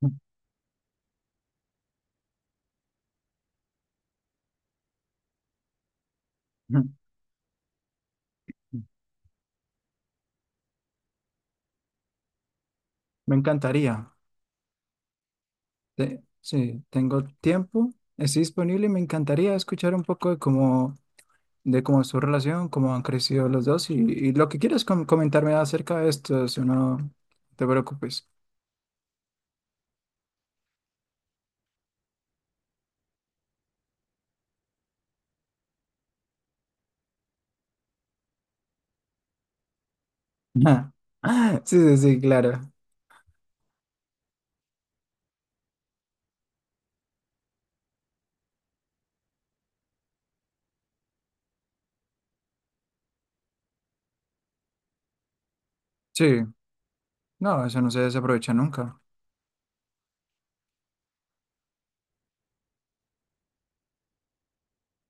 Ujú. Me encantaría. Sí, tengo tiempo, estoy disponible y me encantaría escuchar un poco de cómo es su relación, cómo han crecido los dos y lo que quieras comentarme acerca de esto, si no te preocupes. Sí, sí, sí, claro. Sí, no, eso no se desaprovecha nunca.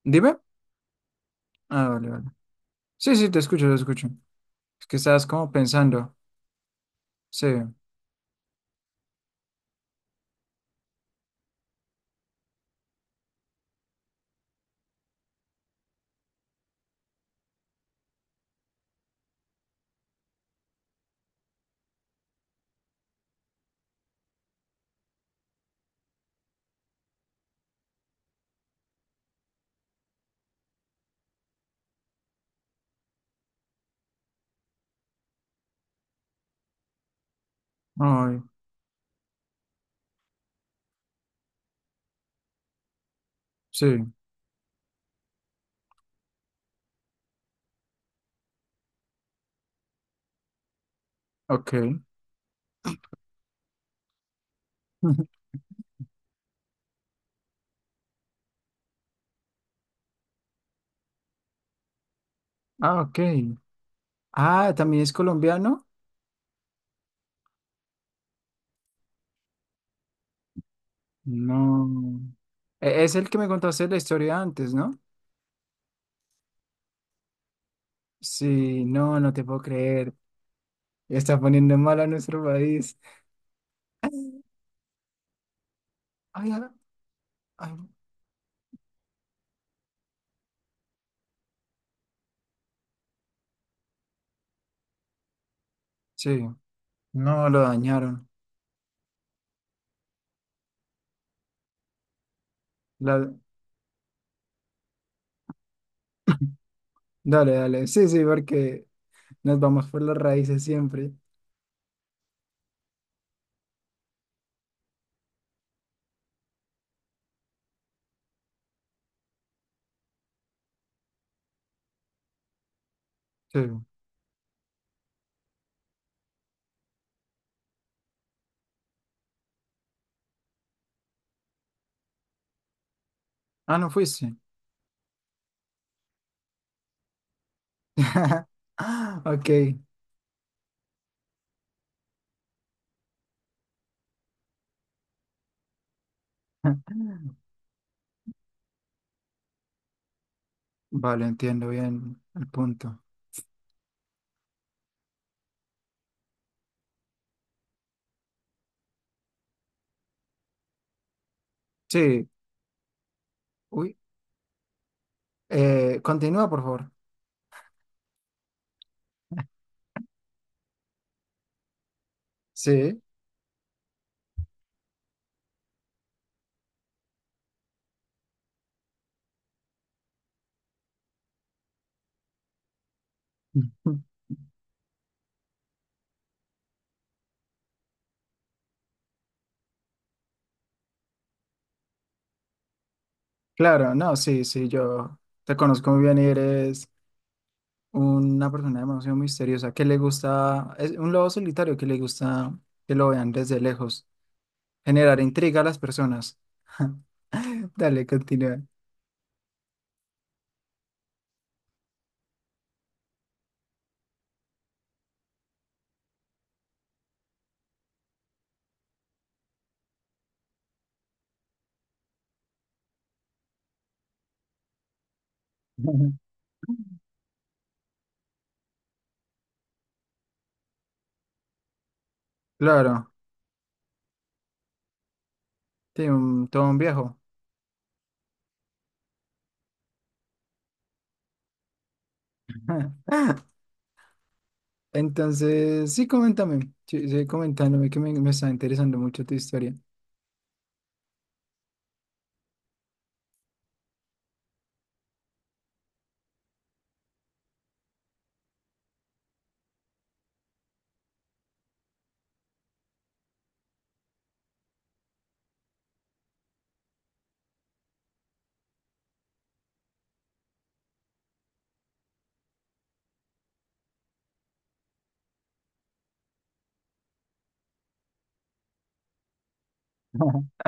Dime. Ah, vale, vale. Sí, sí, te escucho. Es que estabas como pensando. Sí, ay, sí, ok. Ah, ok. Ah, también es colombiano. No. Es el que me contaste la historia antes, ¿no? Sí, no, no te puedo creer. Está poniendo mal a nuestro país. Ay, ay, ay. Sí, no, lo dañaron. La- Dale, dale. Sí, sí, porque nos vamos por las raíces siempre. Sí. Ah, no fuiste. Ah, ok. Vale, entiendo bien el punto. Sí. Uy. Continúa, por favor. Sí. Claro, no, sí, sí, yo te conozco muy bien y eres una persona demasiado misteriosa que le gusta, es un lobo solitario que le gusta que lo vean desde lejos, generar intriga a las personas. Dale, continúa. Ujú. Claro, sí, todo un viejo. Entonces, sí, coméntame, sí, sí, coméntame que me está interesando mucho tu historia.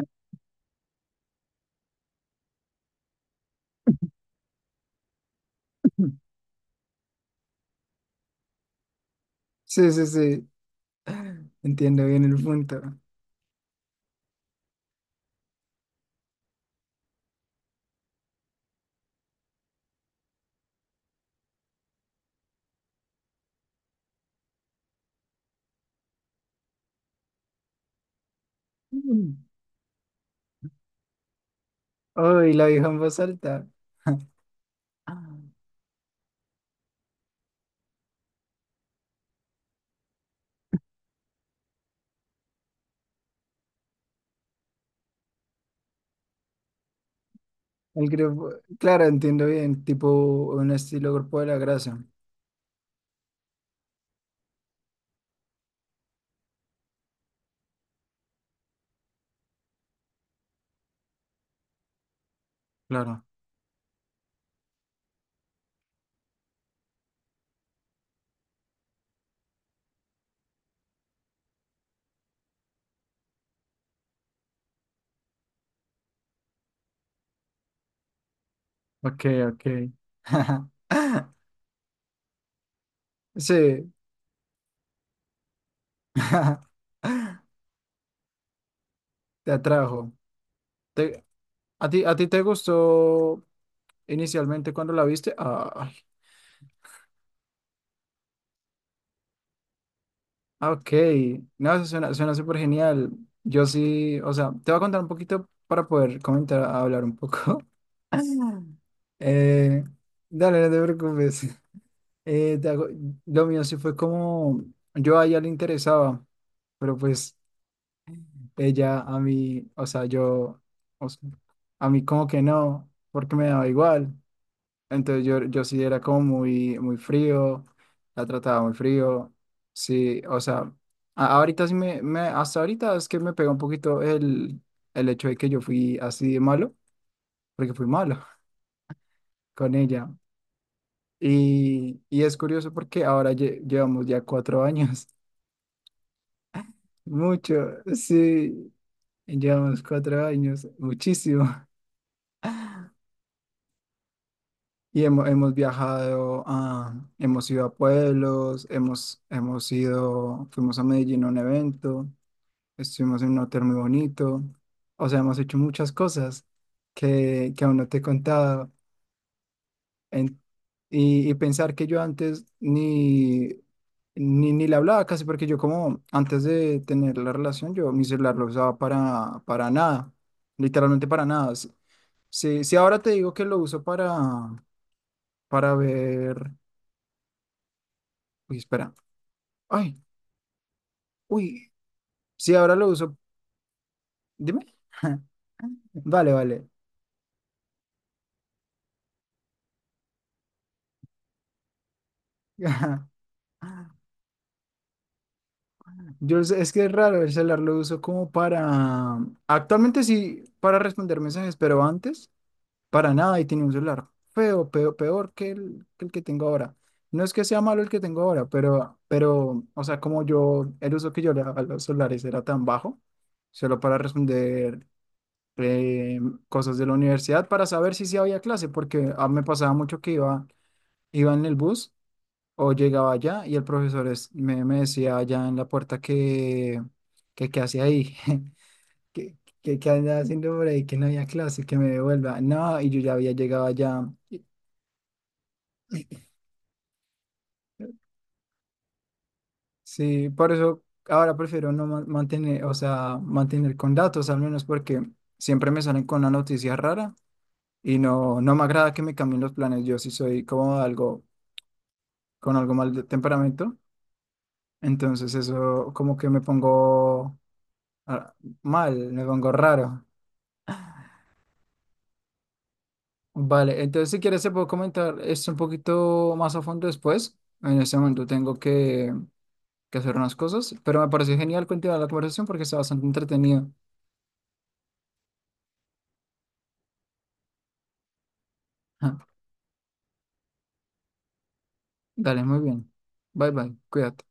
Sí, sí, sí, entiendo bien el punto. Uy, la vieja en voz alta. Ah. El grupo, claro, entiendo bien, tipo un estilo grupo de la grasa, claro. Ok, ok. Sí, te atrajo. Te- ¿A ti te gustó inicialmente cuando la viste? Ah, ah, ok, no, eso suena, suena súper genial. Yo sí, o sea, te voy a contar un poquito para poder comentar, hablar un poco. Eh, dale, no te preocupes. Eh, de algo- lo mío sí fue como yo a ella le interesaba, pero pues ella a mí, o sea, a mí como que no, porque me daba igual. Entonces yo sí era como muy frío, la trataba muy frío, sí, o sea, ahorita sí hasta ahorita es que me pegó un poquito el hecho de que yo fui así de malo, porque fui malo con ella. Y es curioso porque ahora llevamos ya 4 años. Mucho, sí, llevamos 4 años, muchísimo. Y hemos viajado, a, hemos ido a pueblos, fuimos a Medellín a un evento, estuvimos en un hotel muy bonito. O sea, hemos hecho muchas cosas que aún no te he contado. En- y pensar que yo antes ni le hablaba casi, porque yo como antes de tener la relación, yo mi celular lo usaba para nada. Literalmente para nada. Sí, sí, ahora te digo que lo uso para ver. Uy, espera. Ay, uy. Sí, ahora lo uso. Dime. Vale, vale. Es que es raro el celular, lo uso como para. Actualmente sí, para responder mensajes, pero antes, para nada, y tenía un celular feo, peor que el que el que tengo ahora. No es que sea malo el que tengo ahora, o sea, como yo, el uso que yo le daba a los celulares era tan bajo, solo para responder eh, cosas de la universidad para saber si sí había clase, porque a mí me pasaba mucho que iba en el bus o llegaba allá y el profesor me decía allá en la puerta qué hacía ahí, que andaba haciendo por ahí, que no había clase, que me devuelva. No, y yo ya había llegado allá. Y- Sí, por eso ahora prefiero no mantener, o sea, mantener con datos al menos porque siempre me salen con una noticia rara. Y no, no me agrada que me cambien los planes. Yo sí soy como algo con algo mal de temperamento. Entonces eso como que me pongo ah, mal, me pongo raro. Vale, entonces si quieres se puedo comentar esto un poquito más a fondo después. En este momento tengo que hacer unas cosas, pero me pareció genial continuar la conversación porque está bastante entretenido. Ajá. Dale, muy bien. Bye bye, cuídate.